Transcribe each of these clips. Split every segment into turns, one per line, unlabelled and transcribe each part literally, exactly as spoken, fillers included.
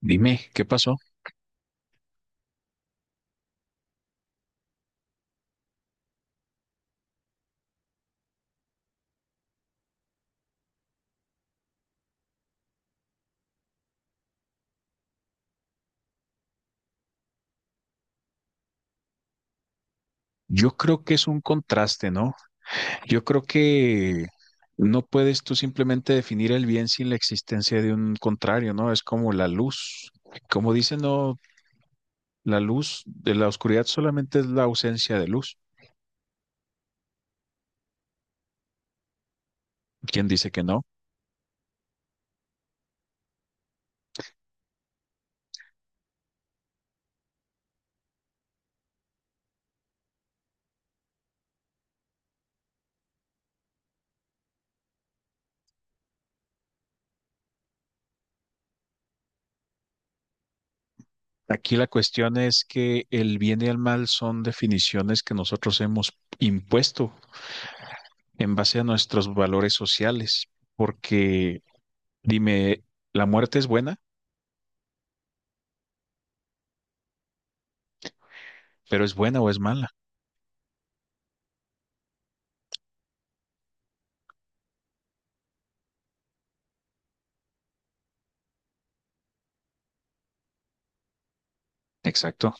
Dime, ¿qué pasó? Yo creo que es un contraste, ¿no? Yo creo que no puedes tú simplemente definir el bien sin la existencia de un contrario, ¿no? Es como la luz. Como dicen, no, la luz de la oscuridad solamente es la ausencia de luz. ¿Quién dice que no? Aquí la cuestión es que el bien y el mal son definiciones que nosotros hemos impuesto en base a nuestros valores sociales, porque dime, ¿la muerte es buena? ¿Pero es buena o es mala? Exacto.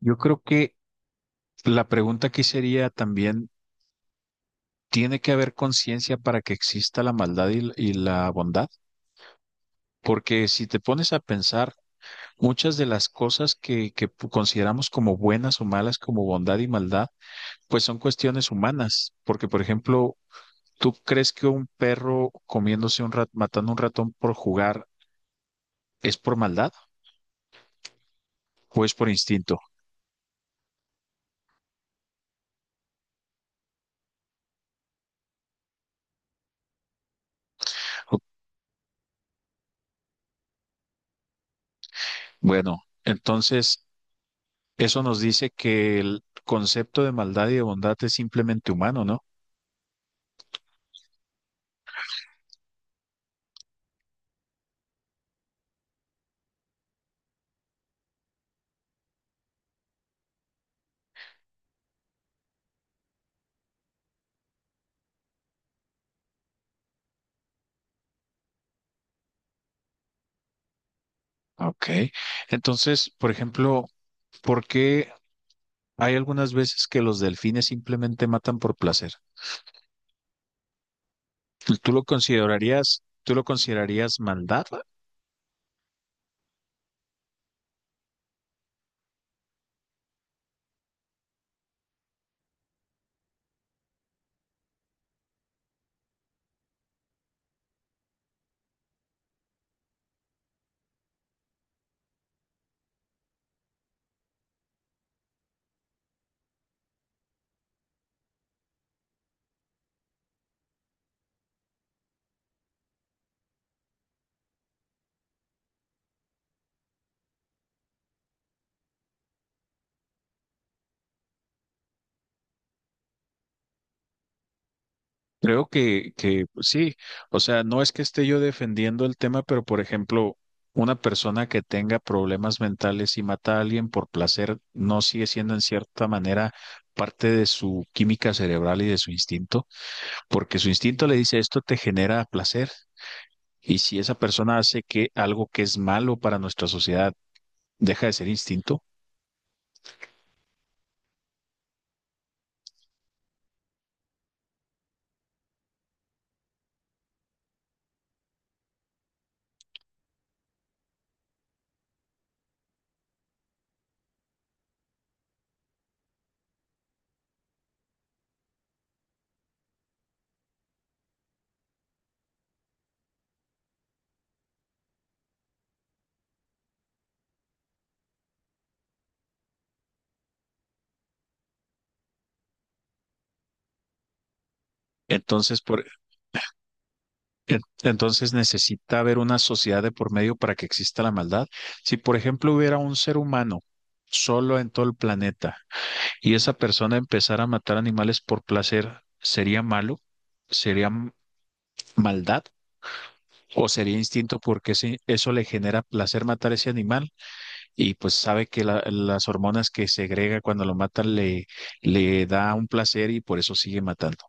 Yo creo que la pregunta aquí sería también, ¿tiene que haber conciencia para que exista la maldad y, y la bondad? Porque si te pones a pensar, muchas de las cosas que, que pu- consideramos como buenas o malas, como bondad y maldad, pues son cuestiones humanas. Porque, por ejemplo, ¿tú crees que un perro comiéndose un rat, matando un ratón por jugar es por maldad o es por instinto? Bueno, entonces... eso nos dice que el concepto de maldad y de bondad es simplemente humano, ¿no? Ok. Entonces, por ejemplo, ¿por qué hay algunas veces que los delfines simplemente matan por placer? ¿Tú lo considerarías, tú lo considerarías maldad? Creo que, que sí. O sea, no es que esté yo defendiendo el tema, pero por ejemplo, una persona que tenga problemas mentales y mata a alguien por placer, ¿no sigue siendo en cierta manera parte de su química cerebral y de su instinto? Porque su instinto le dice esto te genera placer. Y si esa persona hace que algo que es malo para nuestra sociedad deja de ser instinto, entonces, por, en- entonces necesita haber una sociedad de por medio para que exista la maldad. Si, por ejemplo, hubiera un ser humano solo en todo el planeta y esa persona empezara a matar animales por placer, ¿sería malo? ¿Sería m- maldad? ¿O sería instinto porque sí, eso le genera placer matar ese animal? Y pues sabe que la- las hormonas que segrega cuando lo mata le, le da un placer y por eso sigue matando.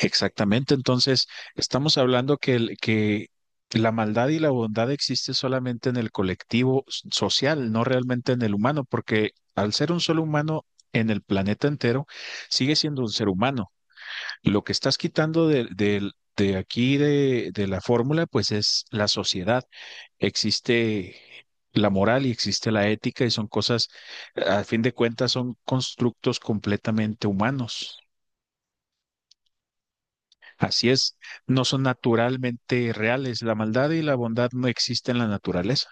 Exactamente, entonces estamos hablando que, el- que la maldad y la bondad existe solamente en el colectivo s- social, no realmente en el humano, porque al ser un solo humano en el planeta entero, sigue siendo un ser humano. Lo que estás quitando de, del- de aquí de de la fórmula, pues es la sociedad. Existe la moral y existe la ética y son cosas, a fin de cuentas, son constructos completamente humanos. Así es, no son naturalmente reales. La maldad y la bondad no existen en la naturaleza.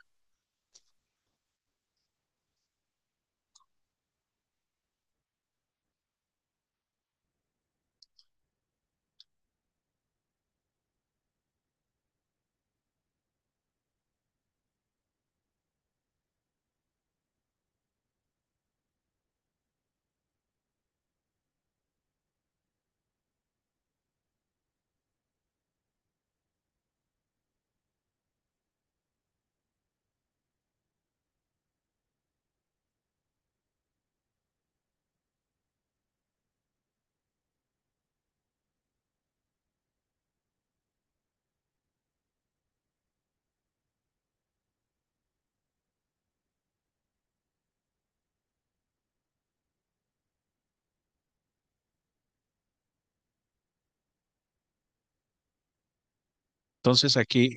Entonces aquí,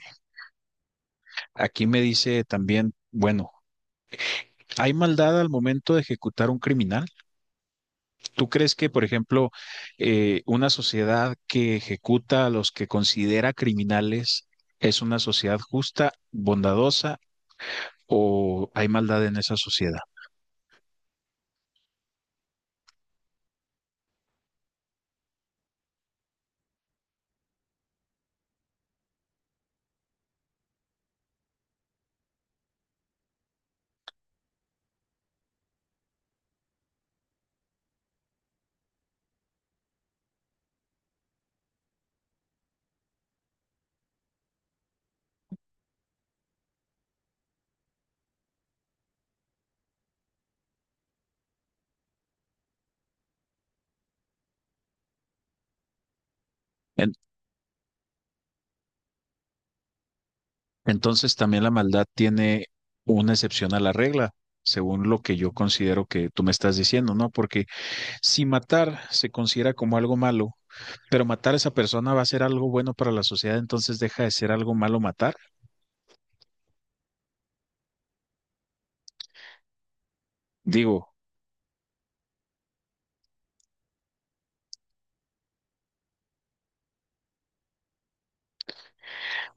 aquí me dice también, bueno, ¿hay maldad al momento de ejecutar un criminal? ¿Tú crees que, por ejemplo, eh, una sociedad que ejecuta a los que considera criminales es una sociedad justa, bondadosa o hay maldad en esa sociedad? En- entonces también la maldad tiene una excepción a la regla, según lo que yo considero que tú me estás diciendo, ¿no? Porque si matar se considera como algo malo, pero matar a esa persona va a ser algo bueno para la sociedad, entonces deja de ser algo malo matar. Digo,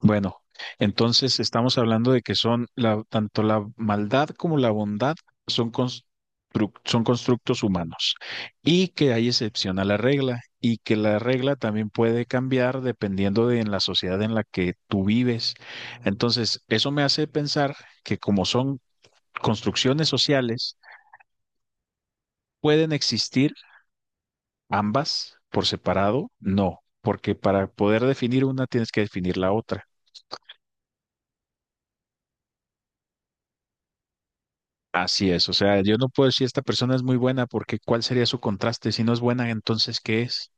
bueno, entonces estamos hablando de que son la, tanto la maldad como la bondad son, construc- son constructos humanos y que hay excepción a la regla y que la regla también puede cambiar dependiendo de en la sociedad en la que tú vives. Entonces, eso me hace pensar que como son construcciones sociales, pueden existir ambas por separado, no, porque para poder definir una tienes que definir la otra. Así es, o sea, yo no puedo decir esta persona es muy buena porque ¿cuál sería su contraste? Si no es buena, entonces ¿qué es?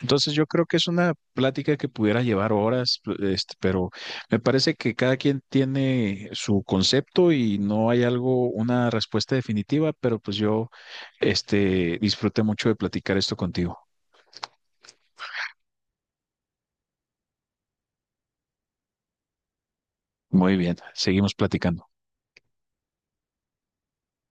Entonces yo creo que es una plática que pudiera llevar horas, este, pero me parece que cada quien tiene su concepto y no hay algo, una respuesta definitiva, pero pues yo, este, disfruté mucho de platicar esto contigo. Muy bien, seguimos platicando.